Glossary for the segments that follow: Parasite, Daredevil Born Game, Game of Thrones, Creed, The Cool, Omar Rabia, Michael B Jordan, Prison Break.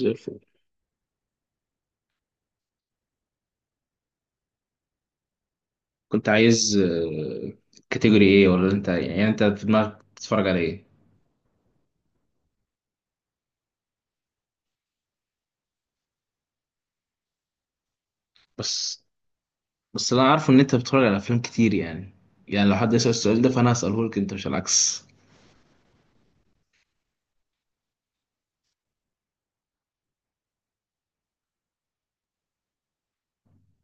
زي الفل. كنت عايز كاتيجوري ايه؟ ولا انت يعني انت في دماغك بتتفرج على ايه؟ بس بس انا عارف ان انت بتتفرج على افلام كتير يعني. يعني لو حد يسأل السؤال ده فانا هسأله لك انت مش العكس.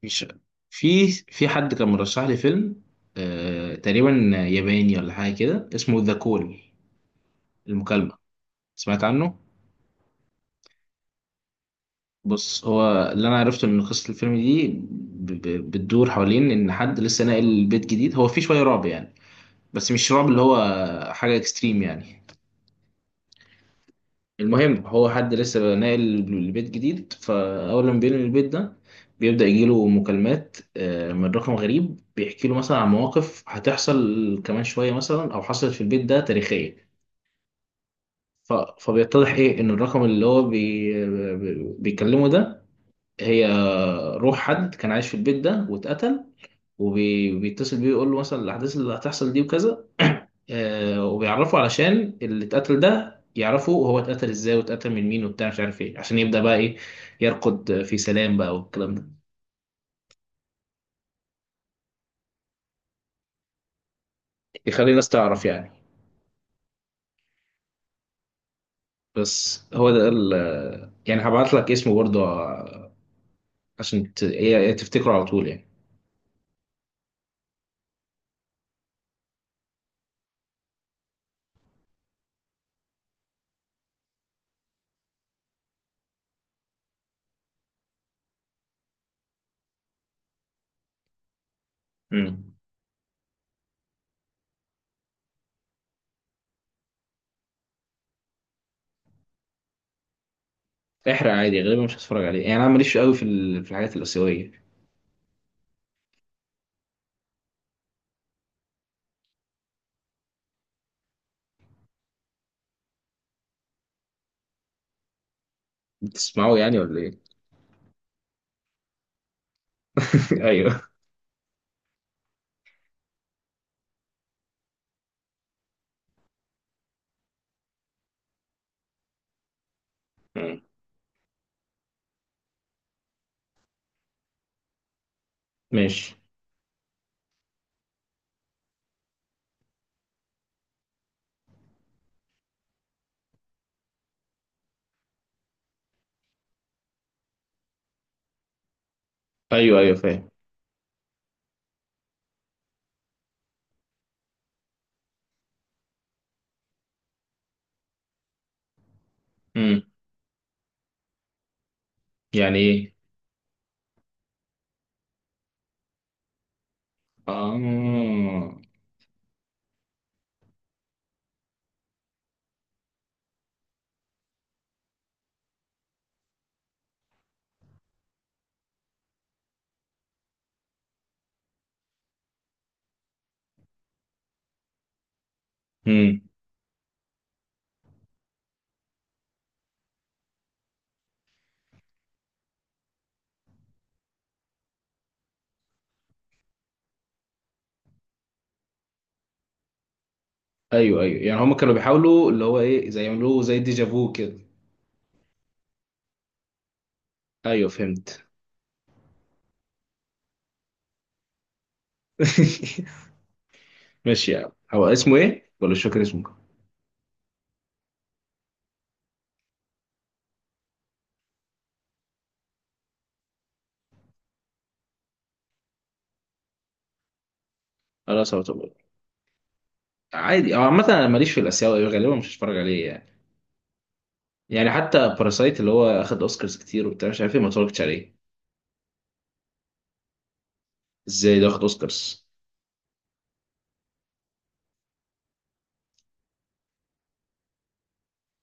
مش في حد كان مرشح لي فيلم، آه تقريبا، ياباني ولا حاجه كده، اسمه ذا كول، المكالمه. سمعت عنه؟ بص، هو اللي انا عرفته ان قصه الفيلم دي بتدور حوالين ان حد لسه ناقل بيت جديد، هو فيه شويه رعب يعني، بس مش رعب اللي هو حاجه اكستريم يعني. المهم هو حد لسه ناقل البيت جديد، فأول ما بينقل البيت ده بيبدأ يجيله مكالمات من رقم غريب بيحكي له مثلا عن مواقف هتحصل كمان شوية مثلا أو حصلت في البيت ده تاريخية. ف- فبيتضح إيه إن الرقم اللي هو بيكلمه ده، هي روح حد كان عايش في البيت ده واتقتل، وبيتصل بيه يقول له مثلا الأحداث اللي هتحصل دي وكذا. وبيعرفوا علشان اللي اتقتل ده يعرفوا هو اتقتل ازاي واتقتل من مين وبتاع مش عارف ايه، عشان يبدأ بقى ايه يرقد في سلام بقى والكلام ده. يخلي الناس تعرف يعني. بس هو ده ال يعني هبعت لك اسمه برضه عشان تفتكره على طول يعني. امم. احرق عادي، غالبا مش هتفرج عليه يعني، انا ماليش قوي في الحاجات الآسيوية. بتسمعه يعني ولا ايه؟ ايوه. مم. ماشي. ايوه، ايوه، فاهم. امم. يعني ايه؟ اه. امم. ايوه، ايوه، يعني هما كانوا بيحاولوا اللي هو ايه، زي يعملوه زي ديجافو كده. ايوه، فهمت. ماشي يا عم، هو اسمه ايه ولا مش فاكر اسمه؟ خلاص. عادي، هو عامة انا ماليش في الاسيوي، غالبا مش هتفرج عليه يعني. يعني حتى باراسايت اللي هو اخد اوسكارز كتير وبتاع مش عارف ايه، ما اتفرجتش عليه. ازاي ده اخد اوسكارز؟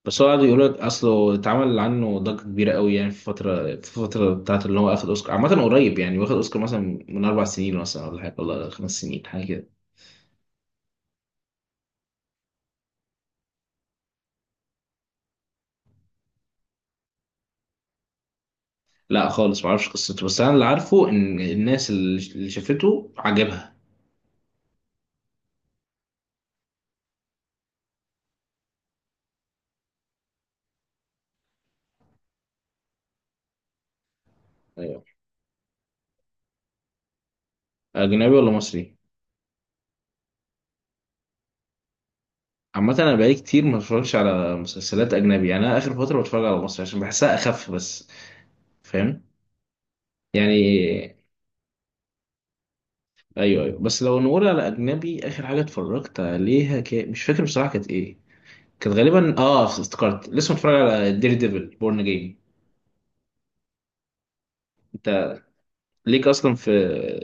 بس هو قعدوا يقولوا لك اصله اتعمل عنه ضجة كبيرة قوي يعني، في فترة بتاعت اللي هو اخد اوسكار، عامة قريب يعني، واخد اوسكار مثلا من 4 سنين مثلا ولا حاجة، ولا 5 سنين حاجة كده. لا خالص، معرفش قصته، بس انا اللي عارفه ان الناس اللي شافته عجبها. ايوه. اجنبي ولا مصري؟ عامة انا بقالي كتير ما بتفرجش على مسلسلات اجنبي يعني، انا اخر فترة بتفرج على مصري عشان بحسها اخف بس. فاهم يعني. ايوه، ايوه، بس لو نقول على اجنبي، اخر حاجة اتفرجت عليها مش فاكر بصراحة كانت ايه. كانت غالبا اه افتكرت، لسه متفرج على دير ديفل بورن جيم. انت ليك اصلا في،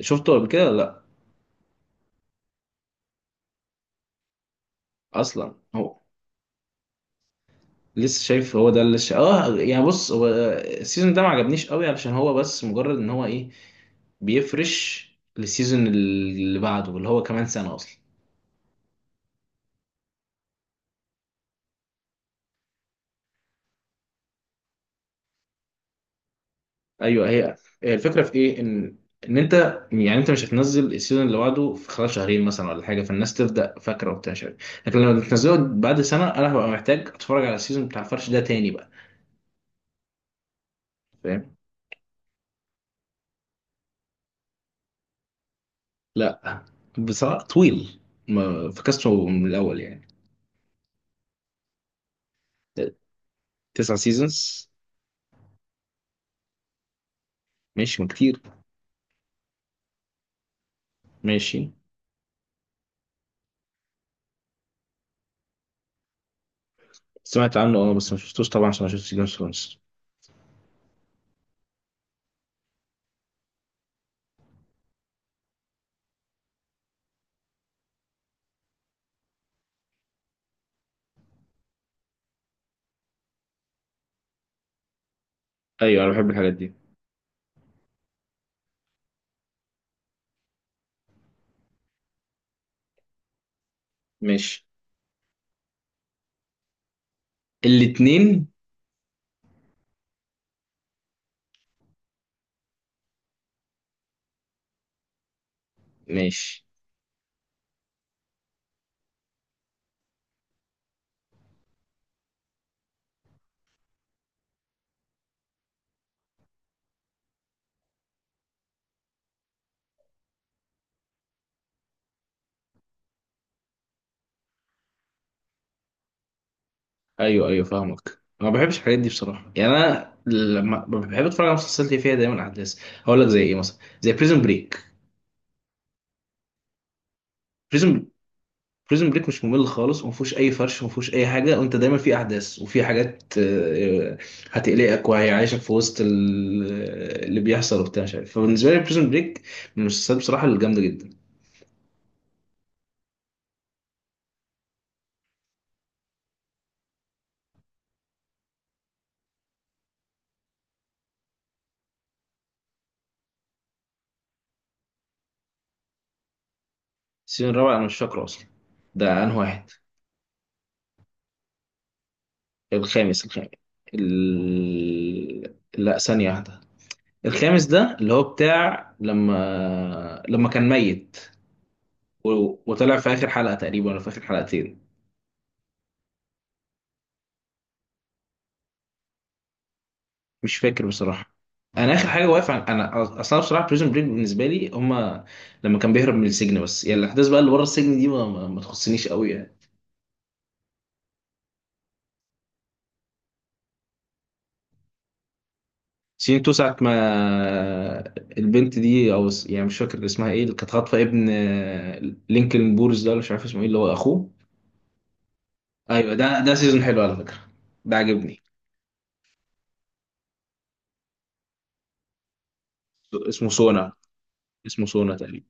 شفته قبل كده ولا لا؟ اصلا هو لسه شايف. هو ده اللي اه، يعني بص، هو السيزون ده ما عجبنيش قوي علشان هو بس مجرد ان هو ايه، بيفرش للسيزون اللي بعده اللي هو كمان سنة اصلا. ايوه، هي الفكرة في ايه، ان انت يعني انت مش هتنزل السيزون اللي بعده في خلال شهرين مثلا ولا حاجة، فالناس تبدأ فاكرة وبتاع مش عارف. لكن لما تنزله بعد سنة انا هبقى محتاج اتفرج على السيزون بتاع الفرش ده تاني بقى. فاهم. لا، بصراحة طويل، ما فكسته من الاول يعني. تسع سيزونز؟ ماشي ما كتير. ماشي. سمعت عنه اه، بس ما شفتوش طبعا عشان ما شفتش جيم اوف ثرونز. ايوه، انا بحب الحاجات دي. ماشي. الاتنين. ماشي. ايوه، ايوه، فاهمك، انا ما بحبش الحاجات دي بصراحه يعني، انا لما بحب اتفرج على مسلسلات اللي فيها دايما احداث، هقول لك زي ايه مثلا، زي بريزن بريك. بريزن بريزن بريك مش ممل خالص، وما فيهوش اي فرش وما فيهوش اي حاجه، وانت دايما في احداث وفي حاجات هتقلقك وهيعيشك في وسط اللي بيحصل وبتاع مش عارف، فبالنسبه لي بريزن بريك من المسلسلات بصراحه الجامده جدا. السيزون الرابع انا مش فاكره اصلا، ده انه واحد. الخامس، الخامس. لا ثانية واحدة، الخامس ده اللي هو بتاع لما كان ميت. و... وطلع في آخر حلقة تقريبا ولا في آخر حلقتين. مش فاكر بصراحة. أنا آخر حاجة واقف أنا أصلا بصراحة بريزون بريك بالنسبة لي، هما لما كان بيهرب من السجن بس يعني، الأحداث بقى اللي بره السجن دي ما تخصنيش قوي يعني. سين تو ساعة ما، البنت دي يعني مش فاكر اسمها إيه، اللي كانت خاطفة ابن لينكولن بورز ده، ولا مش عارف اسمه إيه اللي هو أخوه. أيوه، ده سيزون حلو على فكرة، ده عجبني. اسمه سونا، اسمه سونا تقريبا.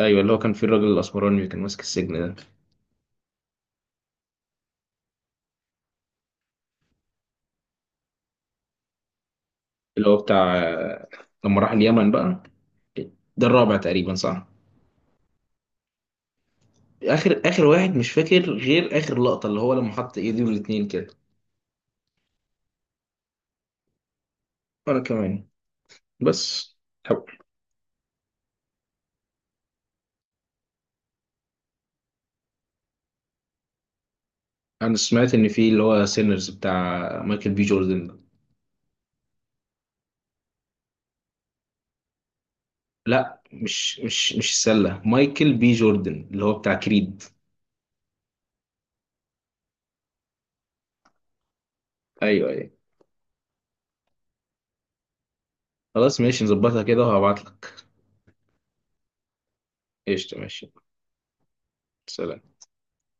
أيوه، اللي هو كان فيه الراجل الأسمراني اللي كان ماسك السجن ده. اللي هو بتاع لما راح اليمن بقى، ده الرابع تقريبا صح؟ آخر، آخر واحد مش فاكر غير آخر لقطة اللي هو لما حط إيديه الاتنين كده. وأنا كمان. بس. انا سمعت ان في اللي هو سينرز بتاع مايكل بي جوردن ده. لا، مش السله، مايكل بي جوردن اللي هو بتاع كريد. ايوه، ايوه. خلاص ماشي، نظبطها كده وهبعت لك. قشطه، ماشي. سلام.